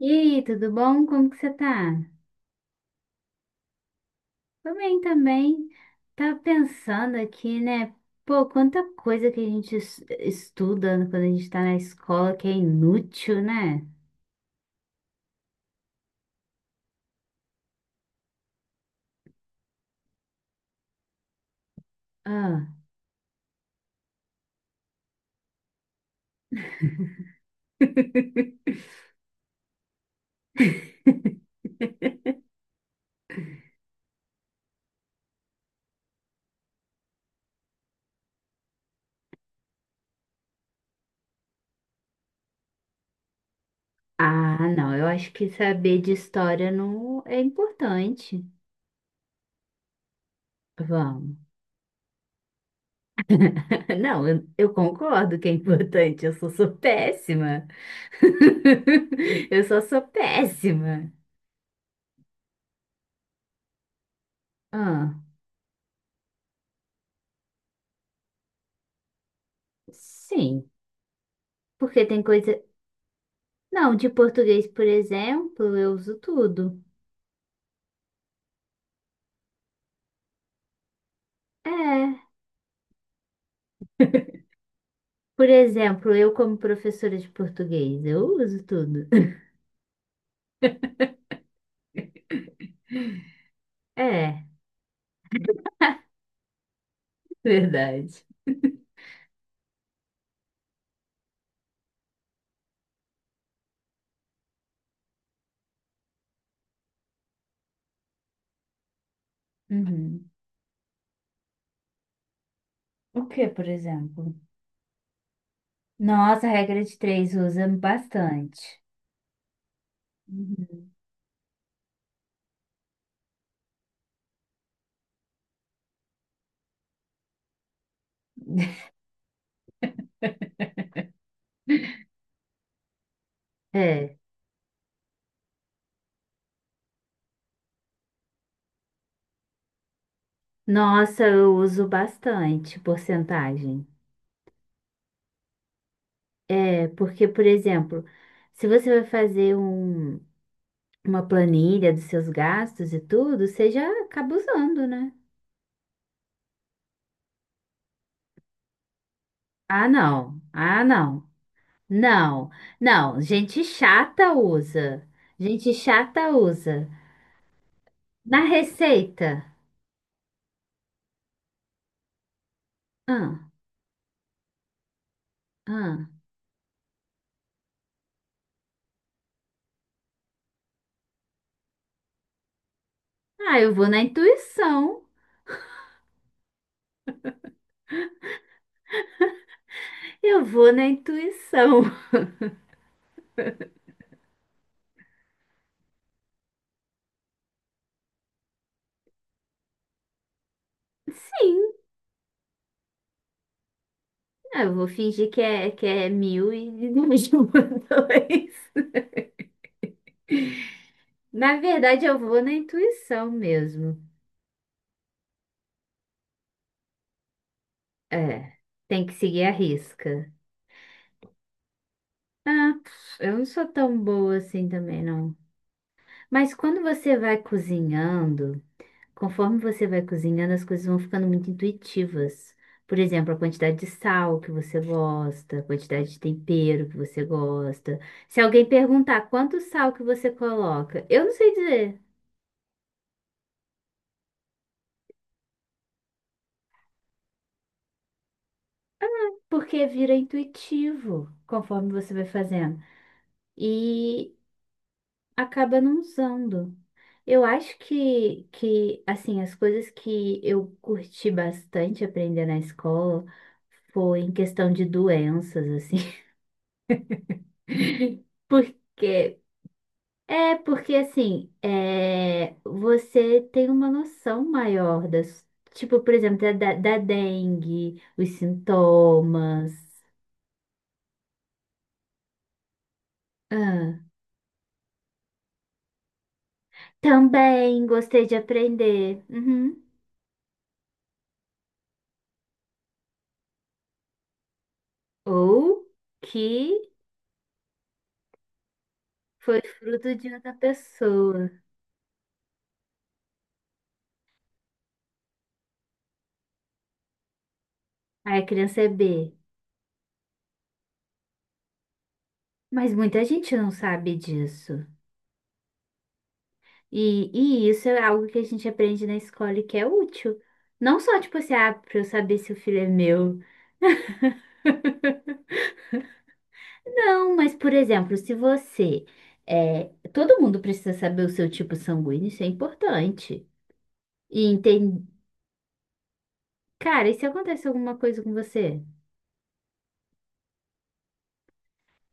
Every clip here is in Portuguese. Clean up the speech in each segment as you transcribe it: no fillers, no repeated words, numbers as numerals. E aí, tudo bom? Como que você tá? Tô bem também. Tava pensando aqui, né? Pô, quanta coisa que a gente estuda quando a gente tá na escola que é inútil, né? Ah. Ah, não, eu acho que saber de história não é importante. Vamos. Não, eu concordo que é importante, eu só sou péssima. Eu só sou péssima. Ah, sim. Porque tem coisa. Não, de português, por exemplo, eu uso tudo. É. Por exemplo, eu, como professora de português, eu uso tudo. É, verdade. Uhum. O que, por exemplo? Nossa, a regra de três usa bastante. Uhum. É. Nossa, eu uso bastante porcentagem. É porque, por exemplo, se você vai fazer um, uma planilha dos seus gastos e tudo, você já acaba usando, né? Ah, não. Ah, não. Não. Não. Gente chata usa. Gente chata usa. Na receita. Ah, ah. Ah, eu vou na intuição. Eu vou na intuição. Sim. Ah, eu vou fingir que é mil e dividir por dois. Na verdade, eu vou na intuição mesmo. É. Tem que seguir a risca. Ah, pff, eu não sou tão boa assim também, não. Mas quando você vai cozinhando. Conforme você vai cozinhando, as coisas vão ficando muito intuitivas. Por exemplo, a quantidade de sal que você gosta, a quantidade de tempero que você gosta. Se alguém perguntar quanto sal que você coloca, eu não sei dizer, porque vira intuitivo conforme você vai fazendo e acaba não usando. Eu acho que, que, as coisas que eu curti bastante aprender na escola foi em questão de doenças, assim. Porque é, porque assim, é, você tem uma noção maior das, tipo, por exemplo, da dengue, os sintomas. Ah, também gostei de aprender. Uhum. Ou que foi fruto de outra pessoa. Aí a criança é B. Mas muita gente não sabe disso. E, e isso é algo que a gente aprende na escola e que é útil. Não só, tipo assim, ah, pra eu saber se o filho é meu. Não, mas, por exemplo, se você. É, todo mundo precisa saber o seu tipo sanguíneo, isso é importante. E entender. Cara, e se acontece alguma coisa com você?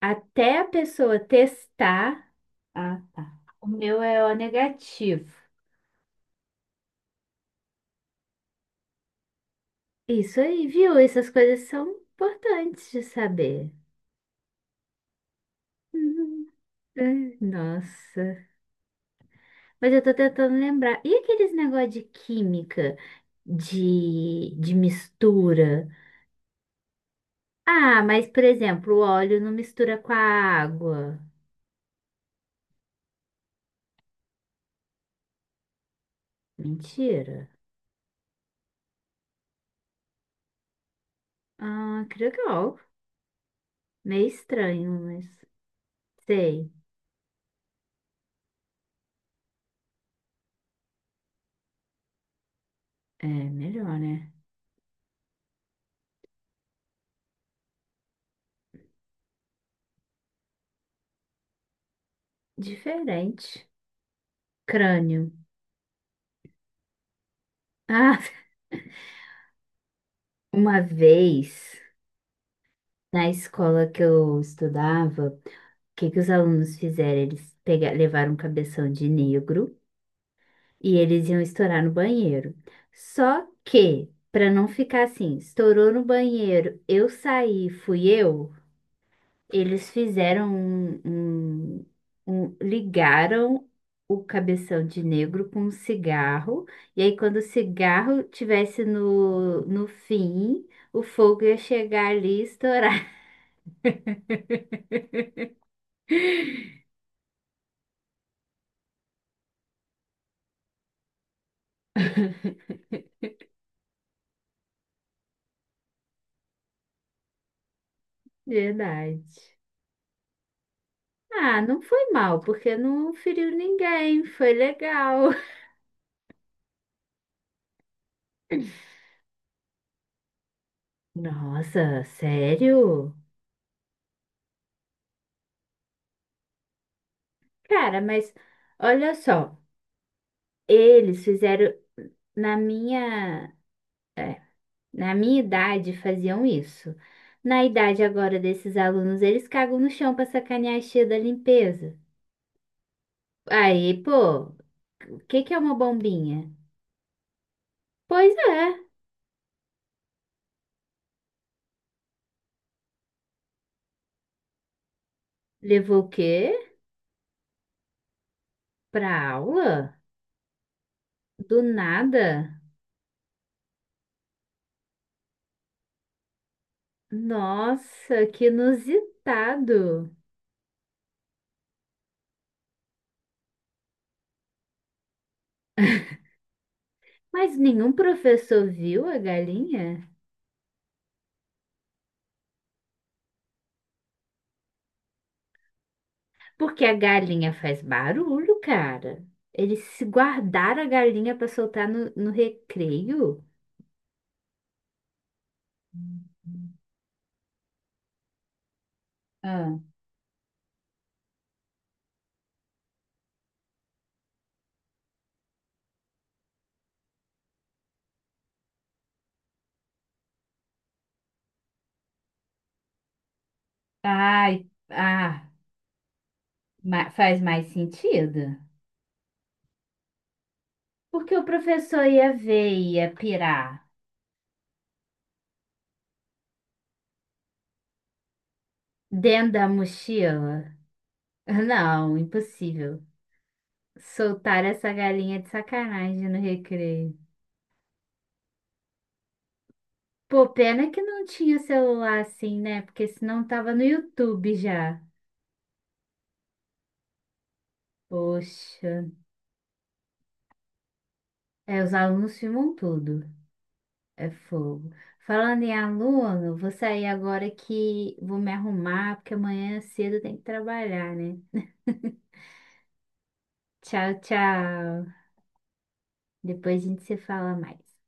Até a pessoa testar. Ah, tá. O meu é O negativo. Isso aí, viu? Essas coisas são importantes de saber. Hum, ai, nossa. Mas eu tô tentando lembrar. E aqueles negócio de química, de mistura? Ah, mas por exemplo, o óleo não mistura com a água. Mentira. Ah, que legal. Meio estranho, mas sei. É melhor, né? Diferente. Crânio. Ah, uma vez na escola que eu estudava, o que que os alunos fizeram? Eles pegaram, levaram um cabeção de negro e eles iam estourar no banheiro. Só que, para não ficar assim, estourou no banheiro, eu saí, fui eu. Eles fizeram um- ligaram o cabeção de negro com um cigarro, e aí quando o cigarro tivesse no, no fim, o fogo ia chegar ali e estourar. Verdade. Ah, não foi mal, porque não feriu ninguém, foi legal. Nossa, sério? Cara, mas olha só, eles fizeram na minha. Na minha idade faziam isso. Na idade agora desses alunos, eles cagam no chão para sacanear a tia da limpeza. Aí, pô, o que que é uma bombinha? Pois é. Levou o quê? Pra aula? Do nada? Nossa, que inusitado. Mas nenhum professor viu a galinha? Porque a galinha faz barulho, cara. Eles se guardaram a galinha para soltar no, no recreio? Ah. Ai, ah, faz mais sentido. Porque o professor ia ver e ia pirar dentro da mochila. Não, impossível. Soltar essa galinha de sacanagem no recreio. Pô, pena que não tinha celular assim, né? Porque senão tava no YouTube já. Poxa. É, os alunos filmam tudo. É fogo. Falando em aluno, vou sair agora que vou me arrumar, porque amanhã cedo tem que trabalhar, né? Tchau, tchau. Depois a gente se fala mais.